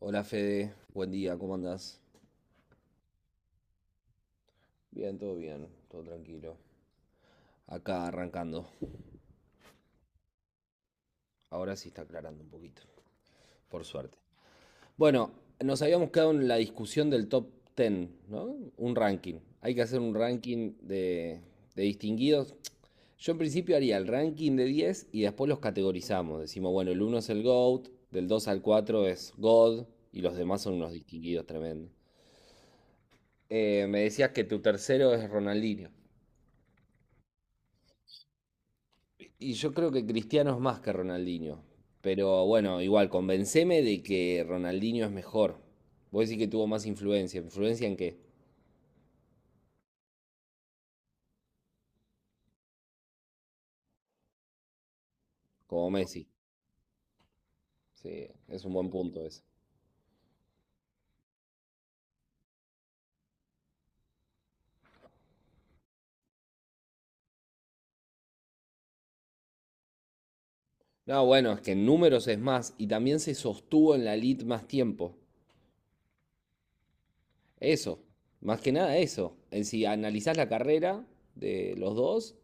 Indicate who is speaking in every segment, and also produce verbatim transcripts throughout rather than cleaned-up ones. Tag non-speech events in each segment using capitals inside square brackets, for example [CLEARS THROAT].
Speaker 1: Hola Fede, buen día, ¿cómo andás? Bien, todo bien, todo tranquilo. Acá arrancando. Ahora sí está aclarando un poquito, por suerte. Bueno, nos habíamos quedado en la discusión del top diez, ¿no? Un ranking. Hay que hacer un ranking de, de distinguidos. Yo en principio haría el ranking de diez y después los categorizamos. Decimos, bueno, el uno es el GOAT, del dos al cuatro es God y los demás son unos distinguidos tremendos. Eh, me decías que tu tercero es Ronaldinho. Y yo creo que Cristiano es más que Ronaldinho. Pero bueno, igual, convenceme de que Ronaldinho es mejor. Vos decís que tuvo más influencia. ¿Influencia en qué? Como Messi. Sí, es un buen punto ese. No, bueno, es que en números es más. Y también se sostuvo en la elite más tiempo. Eso. Más que nada eso. En Si analizás la carrera de los dos,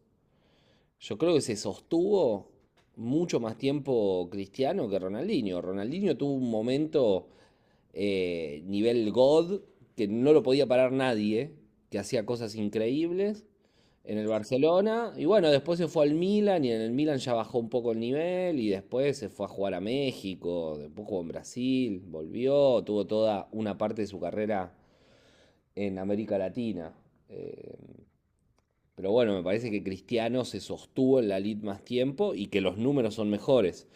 Speaker 1: Yo creo que se sostuvo mucho más tiempo Cristiano que Ronaldinho. Ronaldinho tuvo un momento eh, nivel God que no lo podía parar nadie, que hacía cosas increíbles en el Barcelona. Y bueno, después se fue al Milan y en el Milan ya bajó un poco el nivel y después se fue a jugar a México, después jugó en Brasil, volvió, tuvo toda una parte de su carrera en América Latina. Eh, pero bueno, me parece que Cristiano se sostuvo en la lid más tiempo y que los números son mejores.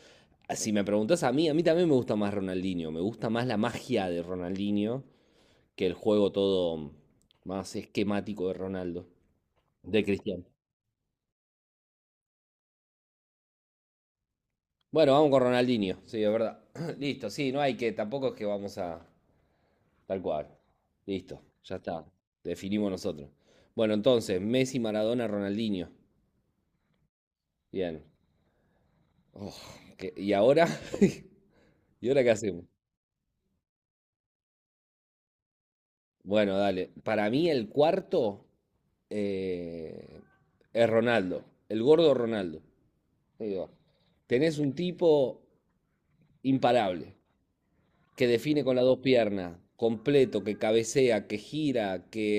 Speaker 1: Si me preguntás a mí, a mí también me gusta más Ronaldinho. Me gusta más la magia de Ronaldinho que el juego todo más esquemático de Ronaldo, de Cristiano. Bueno, vamos con Ronaldinho, sí, es verdad. [CLEARS THROAT] Listo, sí, no hay que, tampoco es que vamos a tal cual. Listo, ya está. Definimos nosotros. Bueno, entonces, Messi, Maradona, Ronaldinho. Bien. Oh, ¿qué- ¿Y ahora? [LAUGHS] ¿Y ahora qué hacemos? Bueno, dale. Para mí el cuarto eh, es Ronaldo, el gordo Ronaldo. Digo, tenés un tipo imparable, que define con las dos piernas, completo, que cabecea, que gira, que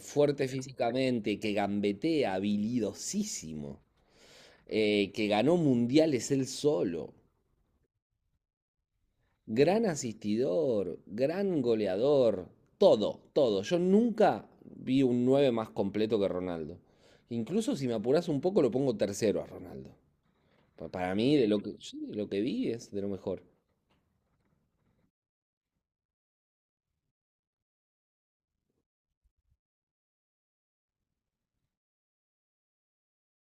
Speaker 1: fuerte físicamente, que gambetea, habilidosísimo, eh, que ganó mundiales él solo. Gran asistidor, gran goleador, todo, todo. Yo nunca vi un nueve más completo que Ronaldo. Incluso si me apuras un poco, lo pongo tercero a Ronaldo. Pa- Para mí, de lo que, sí, de lo que vi es de lo mejor.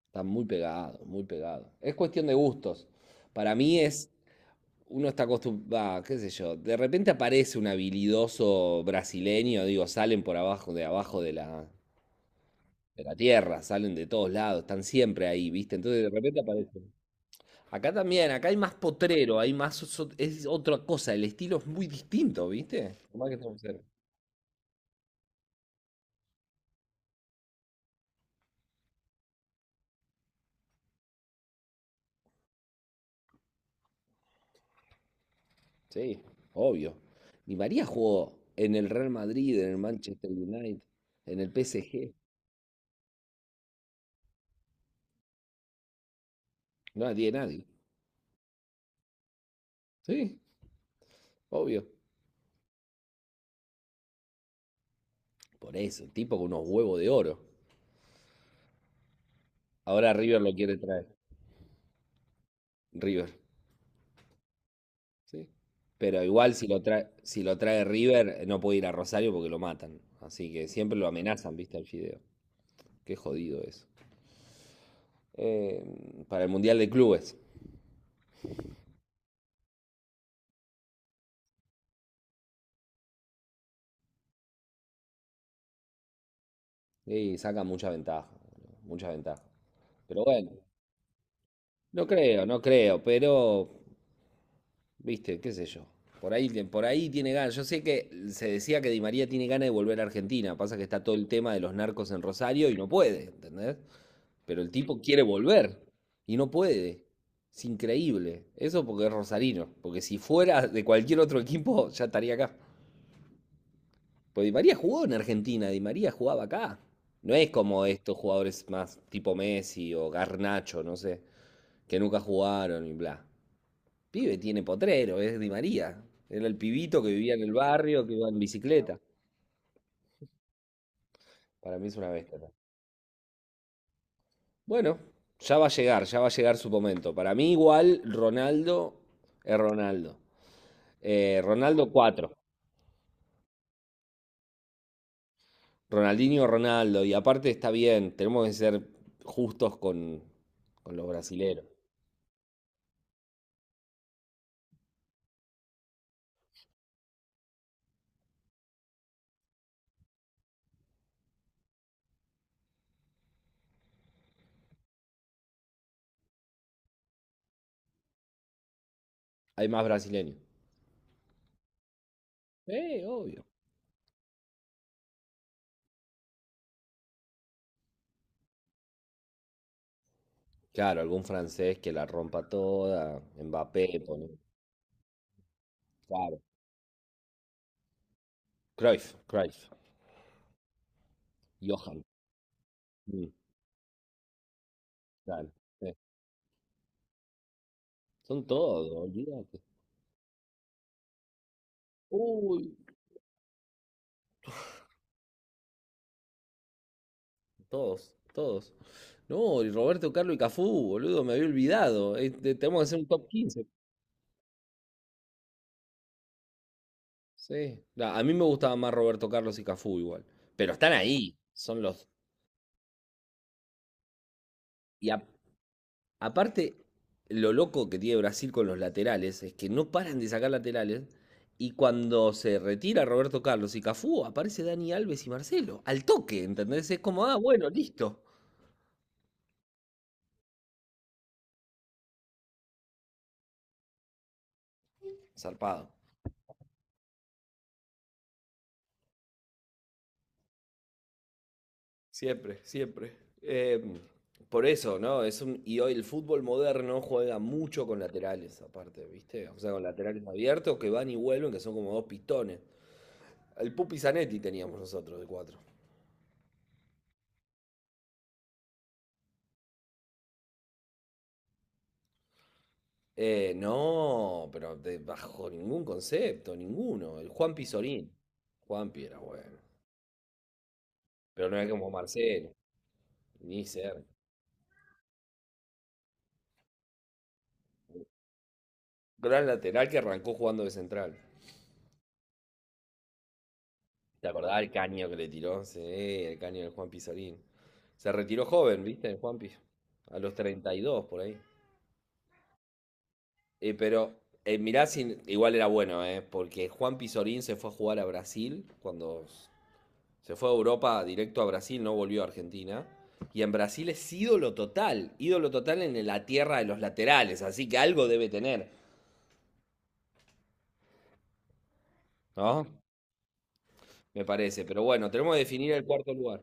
Speaker 1: Está muy pegado, muy pegado. Es cuestión de gustos. Para mí es, uno está acostumbrado, qué sé yo, de repente aparece un habilidoso brasileño, digo, salen por abajo, de abajo de la, de la tierra, salen de todos lados, están siempre ahí, ¿viste? Entonces de repente aparece. Acá también, acá hay más potrero, hay más, so- so, es otra cosa, el estilo es muy distinto, ¿viste? Por más que estemos cerca. Sí, obvio. Ni María jugó en el Real Madrid, en el Manchester United, en el P S G. No tiene nadie. Sí, obvio. Por eso, el tipo con unos huevos de oro. Ahora River lo quiere traer. River, sí. Pero igual si lo trae, si lo trae River, eh, no puede ir a Rosario porque lo matan. Así que siempre lo amenazan, ¿viste? Al fideo. Qué jodido eso. eh, para el Mundial de Clubes. Y saca mucha ventaja, mucha ventaja. Pero bueno, no creo, no creo, pero, viste, qué sé yo. Por ahí, por ahí tiene ganas. Yo sé que se decía que Di María tiene ganas de volver a Argentina. Pasa que está todo el tema de los narcos en Rosario y no puede, ¿entendés? Pero el tipo quiere volver y no puede. Es increíble. Eso porque es rosarino. Porque si fuera de cualquier otro equipo, ya estaría acá. Pues Di María jugó en Argentina, Di María jugaba acá. No es como estos jugadores más tipo Messi o Garnacho, no sé, que nunca jugaron y bla. Pibe tiene potrero, es Di María. Era el pibito que vivía en el barrio, que iba en bicicleta. Para mí es una bestia. Bueno, ya va a llegar, ya va a llegar su momento. Para mí igual Ronaldo es Ronaldo. Eh, Ronaldo cuatro, Ronaldinho Ronaldo. Y aparte está bien, tenemos que ser justos con, con los brasileros. Hay más brasileños. Eh, obvio. Claro, algún francés que la rompa toda. Mbappé, pone. Claro. Cruyff, Cruyff. Johan. Mm, claro. Eh, Son todos, olvídate. Uy, todos, todos. No, y Roberto Carlos y Cafú, boludo, me había olvidado. Eh, te- tenemos que hacer un top quince. Sí. Nah, a mí me gustaba más Roberto Carlos y Cafú igual. Pero están ahí. Son los. Y, a- Aparte, lo loco que tiene Brasil con los laterales es que no paran de sacar laterales. Y cuando se retira Roberto Carlos y Cafú, aparece Dani Alves y Marcelo. Al toque, ¿entendés? Es como, ah, bueno, listo. Zarpado. Siempre, siempre. Eh, por eso, ¿no? Es un, y hoy el fútbol moderno juega mucho con laterales, aparte, ¿viste? O sea, con laterales abiertos que van y vuelven, que son como dos pistones. El Pupi Zanetti teníamos nosotros de cuatro. Eh, no, pero de- bajo ningún concepto, ninguno. El Juan Pizorín. Juanpi era bueno. Pero no era como Marcelo, ni cerca. Gran lateral que arrancó jugando de central. ¿Te acordás del caño que le tiró? Sí, el caño del Juan Pizorín. Se retiró joven, ¿viste? El Juanpi. A los treinta y dos por ahí. Eh, pero eh, mirá, si- igual era bueno, ¿eh? Porque Juan Pizorín se fue a jugar a Brasil cuando Se fue a Europa directo a Brasil, no volvió a Argentina. Y en Brasil es ídolo total, ídolo total en la tierra de los laterales, así que algo debe tener, ¿no? Me parece, pero bueno, tenemos que definir el cuarto lugar.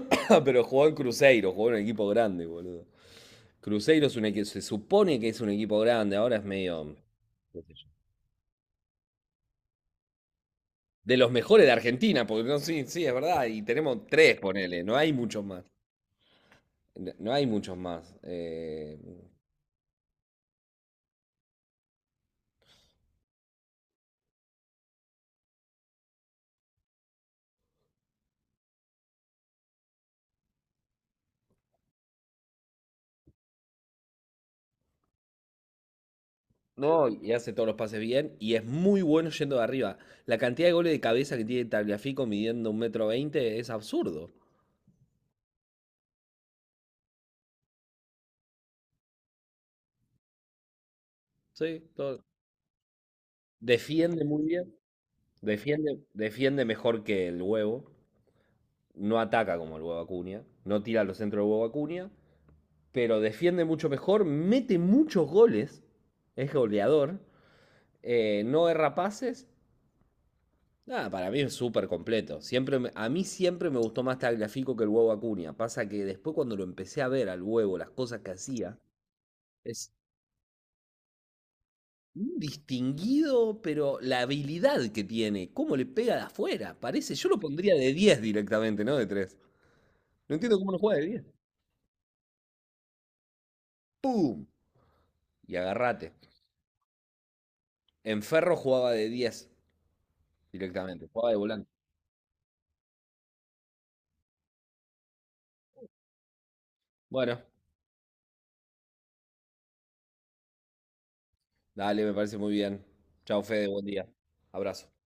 Speaker 1: [LAUGHS] Pero jugó en Cruzeiro, jugó en un equipo grande, boludo. Cruzeiro es un equipo, se supone que es un equipo grande, ahora es medio qué sé yo, de los mejores de Argentina, porque no, sí, sí, es verdad, y tenemos tres, ponele, no hay muchos más. No no hay muchos más. Eh, No, y hace todos los pases bien y es muy bueno yendo de arriba. La cantidad de goles de cabeza que tiene Tagliafico midiendo un metro veinte es absurdo. Sí, todo- Defiende muy bien, defiende, defiende mejor que el huevo, no ataca como el huevo Acuña, no tira a los centros del huevo Acuña, pero defiende mucho mejor, mete muchos goles, es goleador, eh, no erra pases. Nada, para mí es súper completo. Siempre me- a mí siempre me gustó más Tagliafico que el huevo Acuña. Pasa que después cuando lo empecé a ver al huevo, las cosas que hacía, es un distinguido, pero la habilidad que tiene, cómo le pega de afuera, parece, yo lo pondría de diez directamente, no de tres. No entiendo cómo no juega de diez. ¡Pum! Y agarrate. En Ferro jugaba de diez directamente, jugaba de volante. Bueno, dale, me parece muy bien. Chao, Fede, buen día. Abrazo.